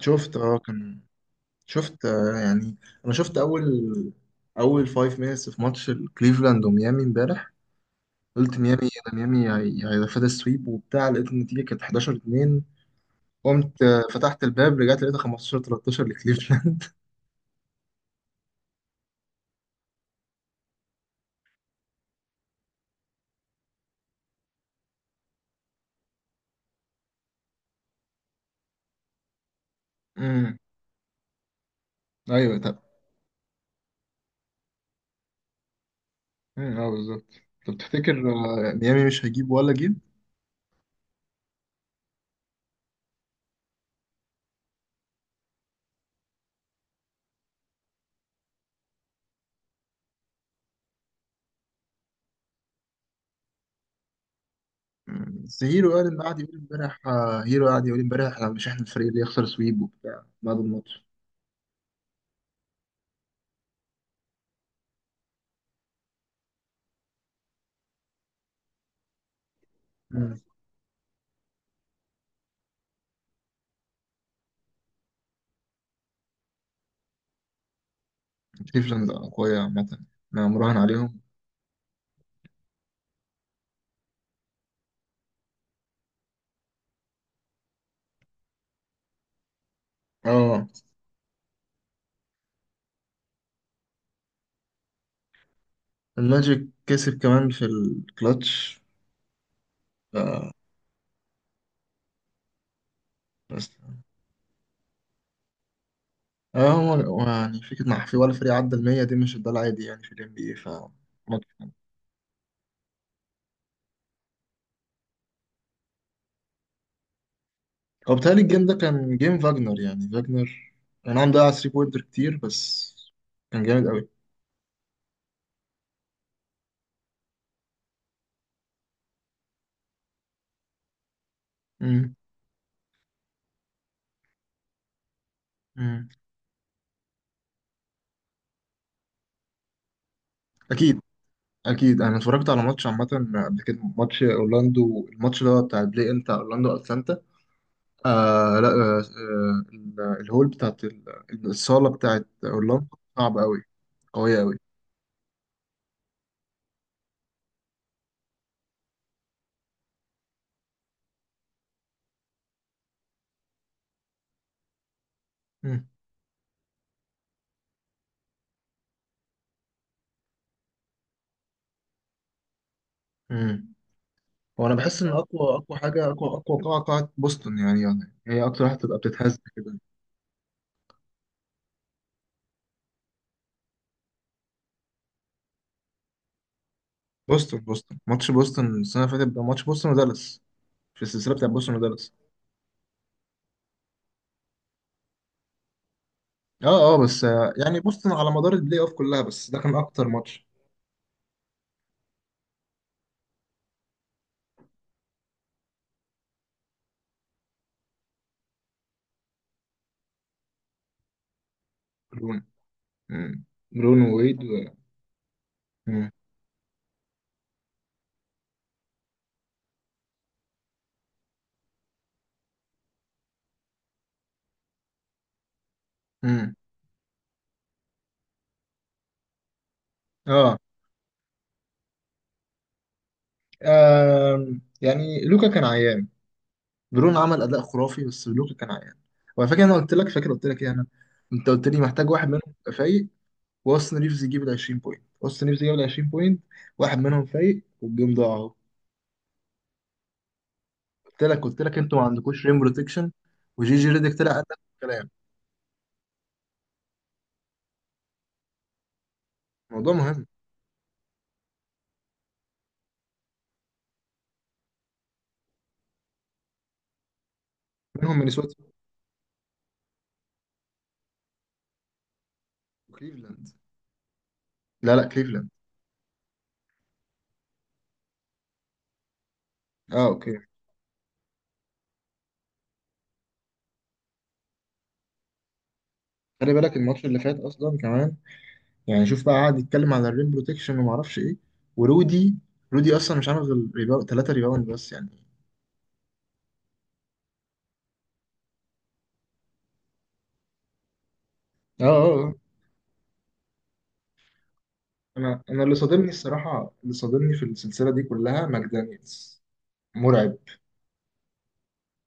شفت. اه كان شفت، يعني انا شفت اول 5 مينتس في ماتش كليفلاند وميامي امبارح. قلت ميامي إيه ده؟ ميامي هياخد السويب وبتاع. لقيت النتيجه كانت 11-2. قمت فتحت الباب رجعت لقيتها 15-13 لكليفلاند. امم ايوه، طب. اه بالظبط. طب تفتكر ميامي مش هيجيب ولا جيب؟ بس هيرو قال، قاعد يقول امبارح، هيرو قاعد يقول امبارح احنا مش احنا الفريق اللي يخسر سويب وبتاع بعد الماتش. مم. كليفلاند قوية عامة، ما مراهن عليهم. اه الماجيك كسب كمان في الكلاتش. آه. بس هو يعني فكرة مع، في ولا فريق عدى المية دي؟ مش ده العادي يعني في ال NBA. ف ماتش حلو. هو بيتهيألي الجيم ده كان جيم فاجنر، يعني فاجنر أنا عم ضيع 3 بوينتر كتير، بس كان جامد قوي. مم. مم. أكيد. أكيد أنا اتفرجت على ماتش عامة قبل كده، ماتش أورلاندو، الماتش ده بتاع البلاي إن بتاع أورلاندو أتلانتا. آه لا آه آه، الهول بتاعت الصالة بتاعت أورلاندو صعب قوي، قوية أوي. مم. مم. وأنا بحس إن أقوى أقوى حاجة، أقوى أقوى قاعة، قاعة بوسطن، يعني هي أكتر واحدة تبقى بتتهز كده. بوسطن، ماتش بوسطن السنة اللي فاتت بقى، ماتش بوسطن ودالاس في السلسلة بتاع بوسطن ودالاس. أه أه، بس يعني بوسطن على مدار البلاي أوف كلها، بس ده كان أكتر ماتش. برون. مم. برون وويد و... مم. مم. أه. يعني لوكا كان عيان. برون عمل أداء خرافي، بس لوكا كان عيان. وعلى فكرة أنا قلت لك، فاكر قلت لك إيه أنا، أنت قلت لي محتاج واحد منهم يبقى فايق، واستون ريفز يجيب ال 20 بوينت. واستون ريفز جاب ال 20 بوينت، واحد منهم فايق والجيم ضاع اهو. قلت لك انتوا ما عندكوش ريم بروتكشن، وجي جي ريدك طلع قال لك الكلام. موضوع مهم. منهم مينيسوتا وكليفلاند. لا، كليفلاند. اه، اوكي. خلي بالك الماتش اللي فات اصلا كمان، يعني شوف بقى قعد يتكلم على الريم بروتكشن وما اعرفش ايه. ورودي، رودي اصلا مش عامل غير ريباوند، ثلاثه ريباوند بس يعني. اه آه. انا اللي صادمني الصراحه، اللي صادمني في السلسله دي كلها ماك دانيels. مرعب.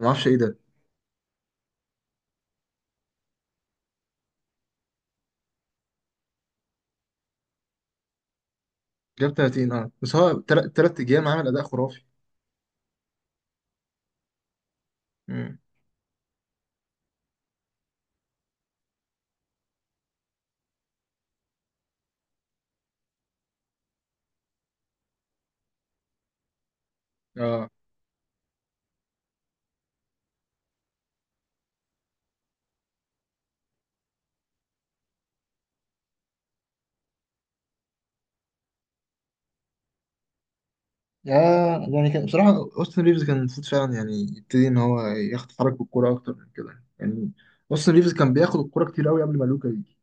ما اعرفش ايه ده. جاب 30، اه بس هو 3 ايام عمل اداء خرافي. امم، اه. يا، يعني كان بصراحه اوستن ريفز كان المفروض فعلا يعني يبتدي ان هو يتحرك بالكوره اكتر من كده يعني. اوستن ريفز كان بياخد الكوره كتير قوي قبل ما لوكا يجي.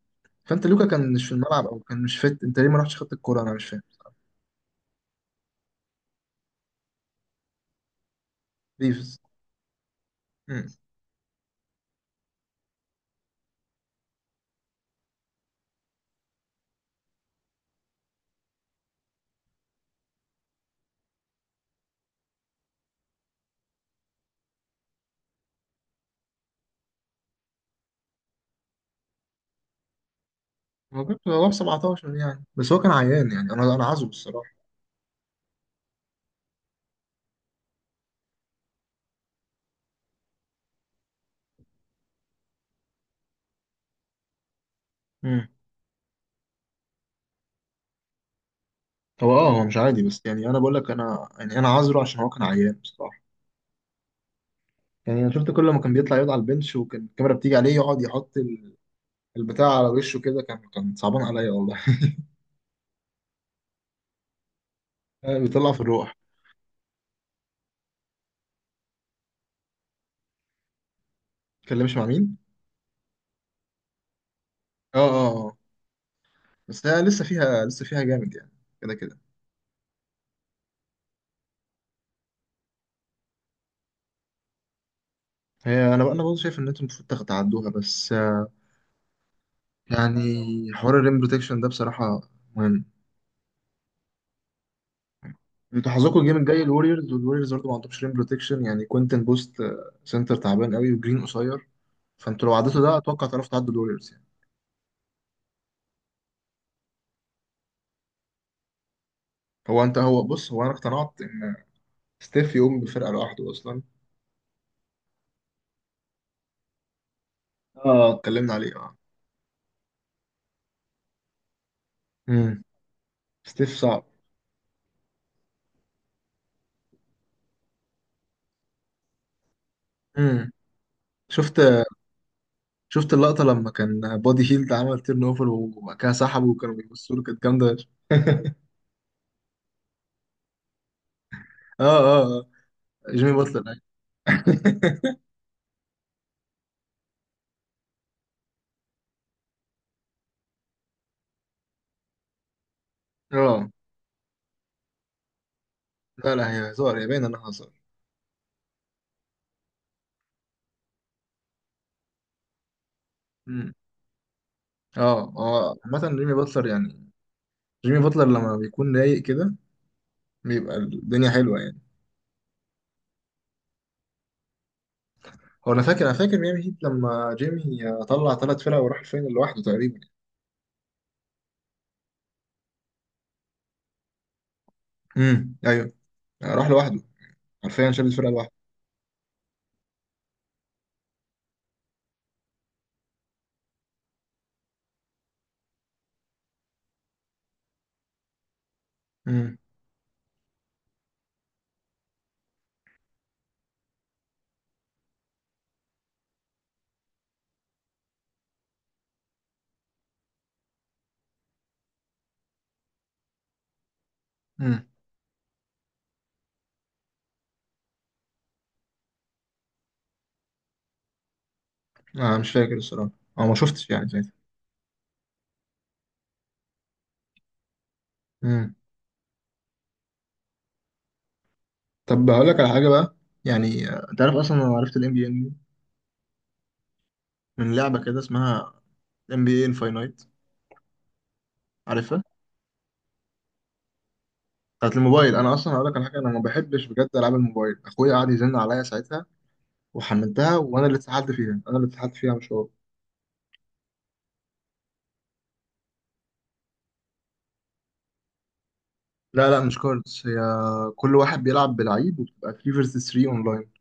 فانت لوكا كان مش في الملعب او كان مش فت، انت ليه ما رحتش خدت الكوره؟ انا مش فاهم. ريفز. امم. هو جاب هو 17 يعني، بس هو كان عيان يعني. انا عذره الصراحه. امم. هو مش عادي، بس يعني انا بقول لك، انا يعني انا عذره عشان هو كان عيان. يعني انا شفت كل ما كان بيطلع يقعد على البنش، وكان الكاميرا بتيجي عليه يقعد يحط البتاع على وشه كده، كان كان صعبان عليا والله. بيطلع في الروح. اتكلمش مع مين؟ اه اه، آه. بس هي لسه فيها، لسه فيها جامد يعني، كده كده. هي، انا برضه شايف ان انتم المفروض تعدوها، بس يعني حوار الريم بروتكشن ده بصراحه مهم. انتوا حظكم الجيم الجاي الوريورز، والوريورز برضه ما عندهمش ريم بروتكشن يعني، كوينتن بوست، سنتر تعبان قوي، وجرين قصير. فانتوا لو عديتوا ده اتوقع تعرفوا تعدوا الوريورز يعني. هو انت هو بص هو انا اقتنعت ستيف يقوم بفرقة لوحده أصلا. اه اتكلمنا عليه اه. امم. ستيف صعب. امم. شفت، شفت اللقطة لما كان بودي هيلد عمل تيرن اوفر وبعد كده سحبه وكانوا بيبصوا له؟ كانت جامدة فشخ. اه، جيمي باتلر. أيوة. اه. لا، هي هزار، هي باين انها هزار. امم. اه عامة جيمي باتلر يعني، جيمي باتلر لما بيكون رايق كده بيبقى الدنيا حلوة يعني. هو انا فاكر ميامي هيت لما جيمي طلع ثلاث فرق وراح الفاينل لوحده تقريبا. امم، ايوه. راح لوحده. حرفيا شالت فرقه لوحدها. امم. امم. انا مش فاكر الصراحه، او ما شفتش يعني ساعتها. امم. طب هقول لك على حاجه بقى، يعني تعرف اصلا انا عرفت الام بي ان من لعبه كده اسمها ام بي اي انفاينايت، عارفها؟ بتاعت الموبايل. انا اصلا هقول لك على حاجه، انا ما بحبش بجد العاب الموبايل، اخويا قعد يزن عليا ساعتها وحملتها، وانا اللي اتسحلت فيها، انا اللي اتسحلت فيها مش هو. لا، مش كاردز، هي كل واحد بيلعب بلعيب وبتبقى 3 فيرسز 3 اونلاين.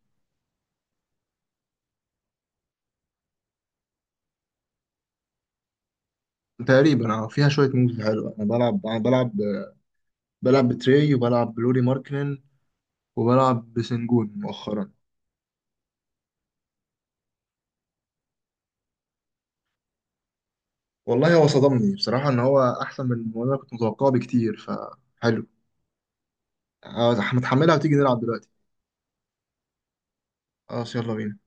تقريبا اه، فيها شويه موves حلوه. انا بلعب بتري، وبلعب بلوري ماركنن، وبلعب بسنجون مؤخرا. والله هو صدمني بصراحة إن هو أحسن من ما أنا كنت متوقعه بكتير، فحلو. متحملها وتيجي نلعب دلوقتي؟ خلاص يلا بينا.